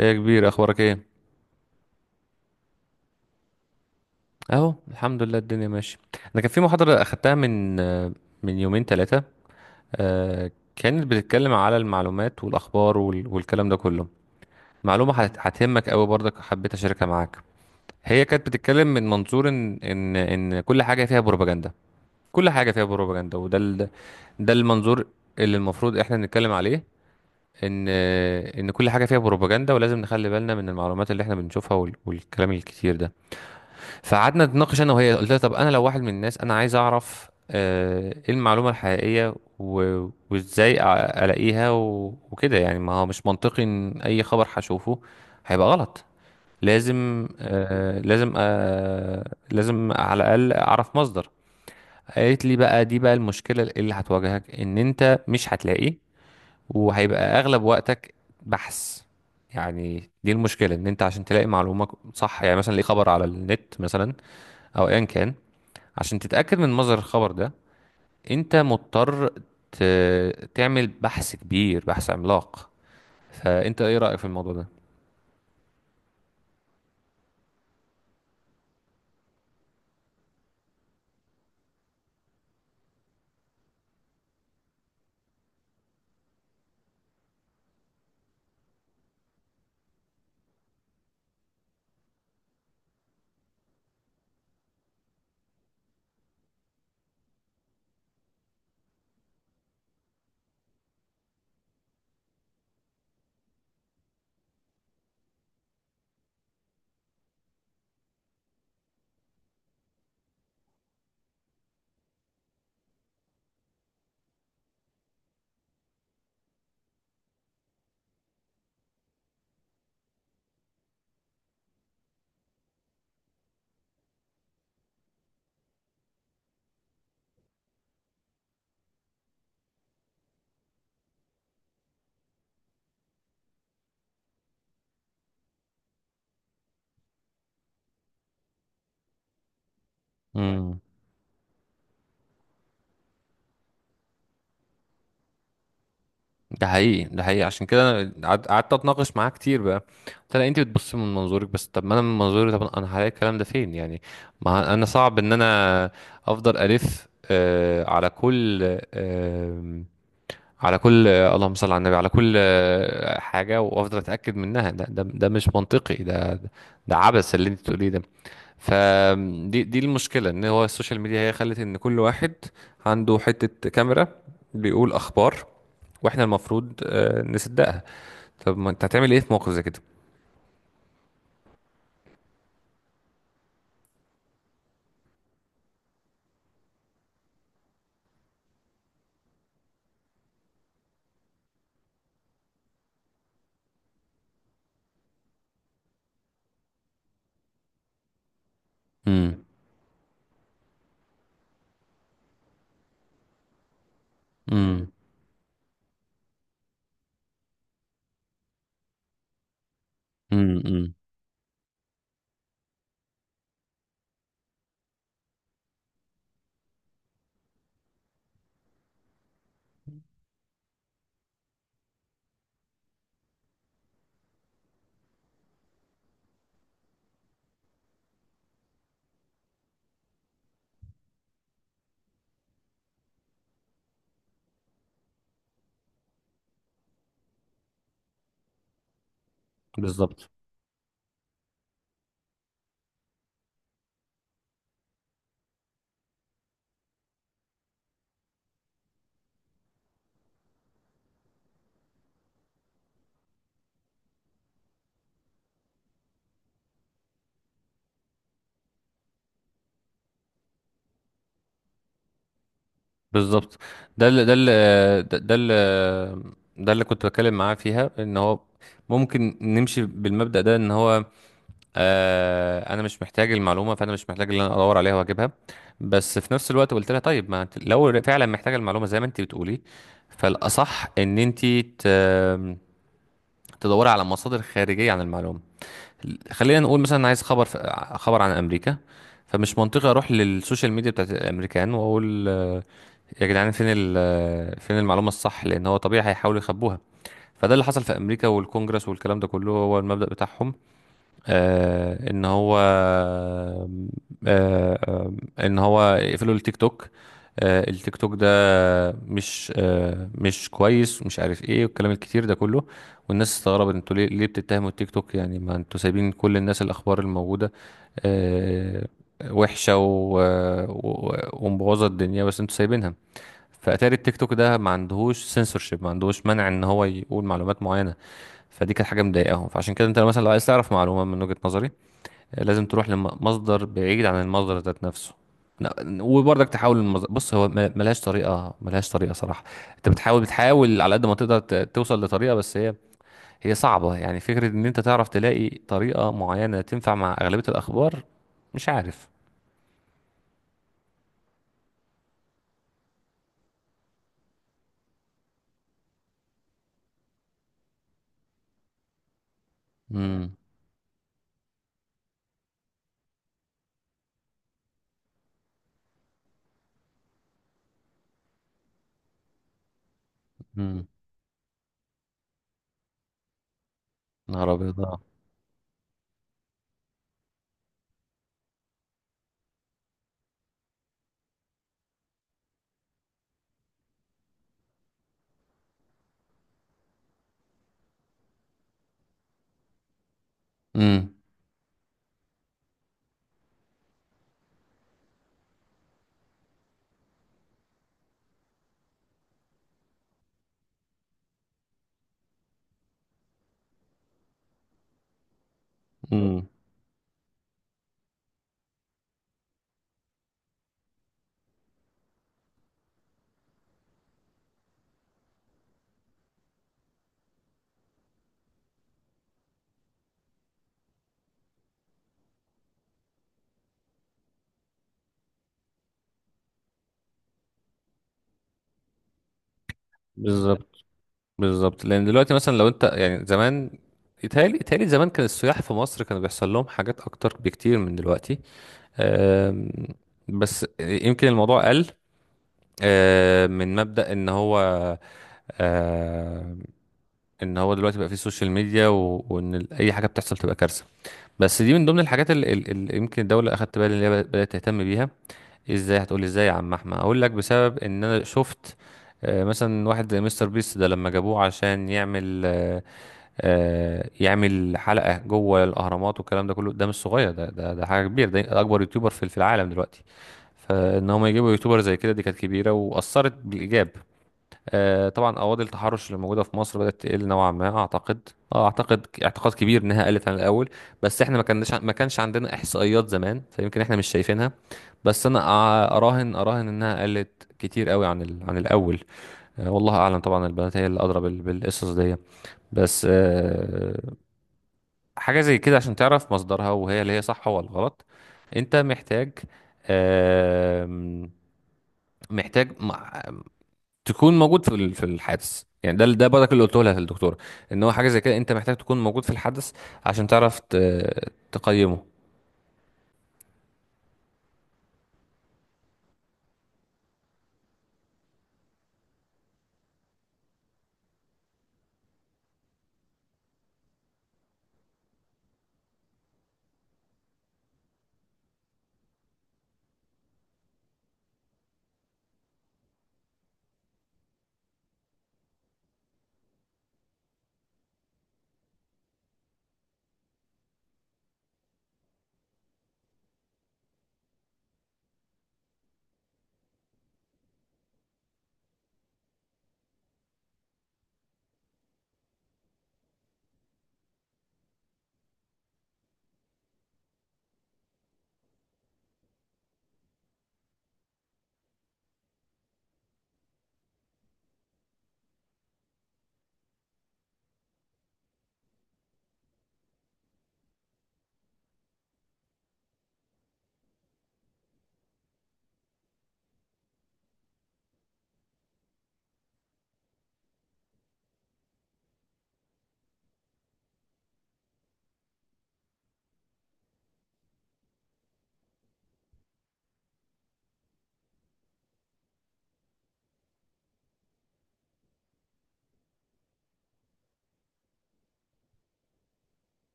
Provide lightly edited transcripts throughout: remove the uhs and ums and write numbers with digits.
ايه يا كبير اخبارك ايه؟ اهو الحمد لله الدنيا ماشيه. انا كان في محاضره اخدتها من يومين ثلاثه، كانت بتتكلم على المعلومات والاخبار والكلام ده كله. معلومه هتهمك قوي برضك، حبيت اشاركها معاك. هي كانت بتتكلم من منظور ان كل حاجه فيها بروباجندا، كل حاجه فيها بروباجندا. ده المنظور اللي المفروض احنا نتكلم عليه، ان كل حاجه فيها بروباجندا، ولازم نخلي بالنا من المعلومات اللي احنا بنشوفها والكلام الكتير ده. فقعدنا نتناقش انا وهي، قلت لها طب انا لو واحد من الناس انا عايز اعرف ايه المعلومه الحقيقيه وازاي الاقيها وكده، يعني ما هو مش منطقي ان اي خبر هشوفه هيبقى غلط. لازم آه، لازم آه، لازم على الاقل اعرف مصدر. قالت لي بقى دي بقى المشكله اللي هتواجهك، ان انت مش هتلاقي، وهيبقى اغلب وقتك بحث. يعني دي المشكله، ان انت عشان تلاقي معلومه صح، يعني مثلا ليه خبر على النت مثلا او ايا كان، عشان تتأكد من مصدر الخبر ده انت مضطر ت... تعمل بحث كبير، بحث عملاق. فانت ايه رأيك في الموضوع ده؟ امم. ده حقيقي، ده حقيقي. عشان كده انا قعدت اتناقش معاه كتير بقى. قلت لها انت بتبص من منظورك بس، طب ما انا من منظوري، طب انا هلاقي الكلام ده فين يعني؟ ما انا صعب ان انا افضل الف آه على كل آه، على كل، اللهم صل على النبي، على كل حاجة وافضل اتأكد منها، ده مش منطقي، ده ده عبث اللي انت بتقوليه ده. فدي المشكلة، ان هو السوشيال ميديا هي خلت ان كل واحد عنده حتة كاميرا بيقول اخبار، واحنا المفروض نصدقها. طب ما انت هتعمل ايه في موقف زي كده؟ امم. امم. امم. بالظبط، بالظبط. ده اللي ده اللي ده اللي ده اللي كنت بتكلم معاه فيها، ان هو ممكن نمشي بالمبدأ ده، ان هو آه، انا مش محتاج المعلومة، فانا مش محتاج ان انا ادور عليها واجيبها. بس في نفس الوقت قلت لها طيب ما انت لو فعلا محتاجة المعلومة زي ما انت بتقولي، فالاصح ان انت ت- تدوري على مصادر خارجية عن المعلومة. خلينا نقول مثلا عايز خبر خبر عن امريكا، فمش منطقي اروح للسوشيال ميديا بتاعت الامريكان واقول يا جدعان فين المعلومة الصح، لأن هو طبيعي هيحاولوا يخبوها. فده اللي حصل في أمريكا والكونجرس والكلام ده كله، هو المبدأ بتاعهم. آه إن هو آه، آه، إن هو يقفلوا التيك توك. آه التيك توك ده مش آه، مش كويس، مش عارف إيه، والكلام الكتير ده كله. والناس استغربت، أنتوا ليه ليه بتتهموا التيك توك؟ يعني ما أنتوا سايبين كل الناس، الأخبار الموجودة آه وحشة ومبوظة الدنيا بس أنتوا سايبينها. فاتاري التيك توك ده ما عندهوش سنسورشيب، ما عندهوش منع ان هو يقول معلومات معينه. فدي كانت حاجه مضايقاهم. فعشان كده انت لو مثلا لو عايز تعرف معلومه من وجهه نظري، لازم تروح لمصدر بعيد عن المصدر ذات نفسه. وبرضك تحاول المصدر، بص هو ملهاش طريقه، ملهاش طريقه صراحه. انت بتحاول على قد ما تقدر توصل لطريقه، بس هي صعبه، يعني فكره ان انت تعرف تلاقي طريقه معينه تنفع مع اغلبيه الاخبار، مش عارف. امم. امم. نهار ابيض. امم. امم. بالظبط، بالظبط. لان دلوقتي مثلا لو انت يعني زمان، يتهيألي زمان كان السياح في مصر كانوا بيحصل لهم حاجات اكتر بكتير من دلوقتي. أم، بس يمكن الموضوع قل، من مبدأ ان هو، أم، ان هو دلوقتي بقى فيه سوشيال ميديا، وان اي حاجه بتحصل تبقى كارثه. بس دي من ضمن الحاجات اللي يمكن الدوله اخدت بالي ان هي بدات تهتم بيها. ازاي هتقولي؟ ازاي يا عم احمد؟ اقول لك، بسبب ان انا شفت مثلا واحد زي مستر بيست ده لما جابوه عشان يعمل يعمل حلقة جوه الأهرامات والكلام ده كله. ده مش صغير، ده حاجة كبيرة، ده أكبر يوتيوبر في في العالم دلوقتي. فإن هم يجيبوا يوتيوبر زي كده، دي كانت كبيرة وأثرت بالإيجاب. طبعا أواضي التحرش اللي موجودة في مصر بدأت تقل نوعا ما أعتقد. اه اعتقد اعتقاد كبير انها قلت عن الاول، بس احنا ما كناش، ما كانش عندنا احصائيات زمان، فيمكن احنا مش شايفينها. بس انا اراهن، اراهن انها قلت كتير قوي عن عن الاول. والله اعلم، طبعا البنات هي اللي ادرى بالقصص دي. بس حاجة زي كده عشان تعرف مصدرها، وهي اللي هي صح ولا غلط، انت محتاج، آم، محتاج تكون موجود في في الحادث. يعني ده ده برضك اللي قلته لها الدكتورة، ان هو حاجة زي كده انت محتاج تكون موجود في الحدث عشان تعرف تقيمه.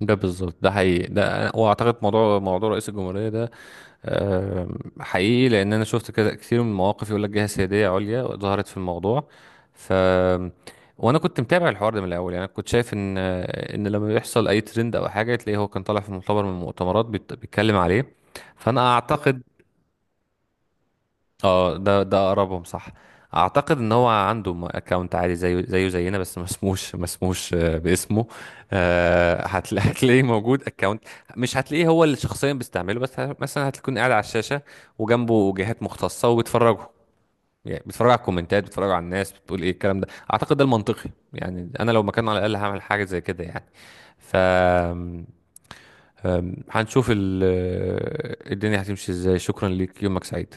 ده بالظبط، ده حقيقي. ده واعتقد موضوع رئيس الجمهورية ده آه، حقيقي، لان انا شفت كده كتير من المواقف، يقول لك جهه سياديه عليا ظهرت في الموضوع. ف وانا كنت متابع الحوار ده من الاول، يعني أنا كنت شايف ان لما بيحصل اي ترند او حاجه تلاقيه هو كان طالع في مؤتمر من المؤتمرات بيتكلم عليه. فانا اعتقد، اه ده ده اقربهم صح. اعتقد ان هو عنده اكونت عادي زيه زيه زينا، بس ما اسموش باسمه. هتلاقيه موجود اكونت، مش هتلاقيه هو اللي شخصيا بيستعمله، بس مثلا هتكون قاعد على الشاشه وجنبه جهات مختصه وبيتفرجوا. يعني بيتفرجوا على الكومنتات، بيتفرجوا على الناس بتقول ايه الكلام ده. اعتقد ده المنطقي، يعني انا لو مكانه على الاقل هعمل حاجه زي كده يعني. ف آم، هنشوف الدنيا هتمشي ازاي. شكرا ليك، يومك سعيد.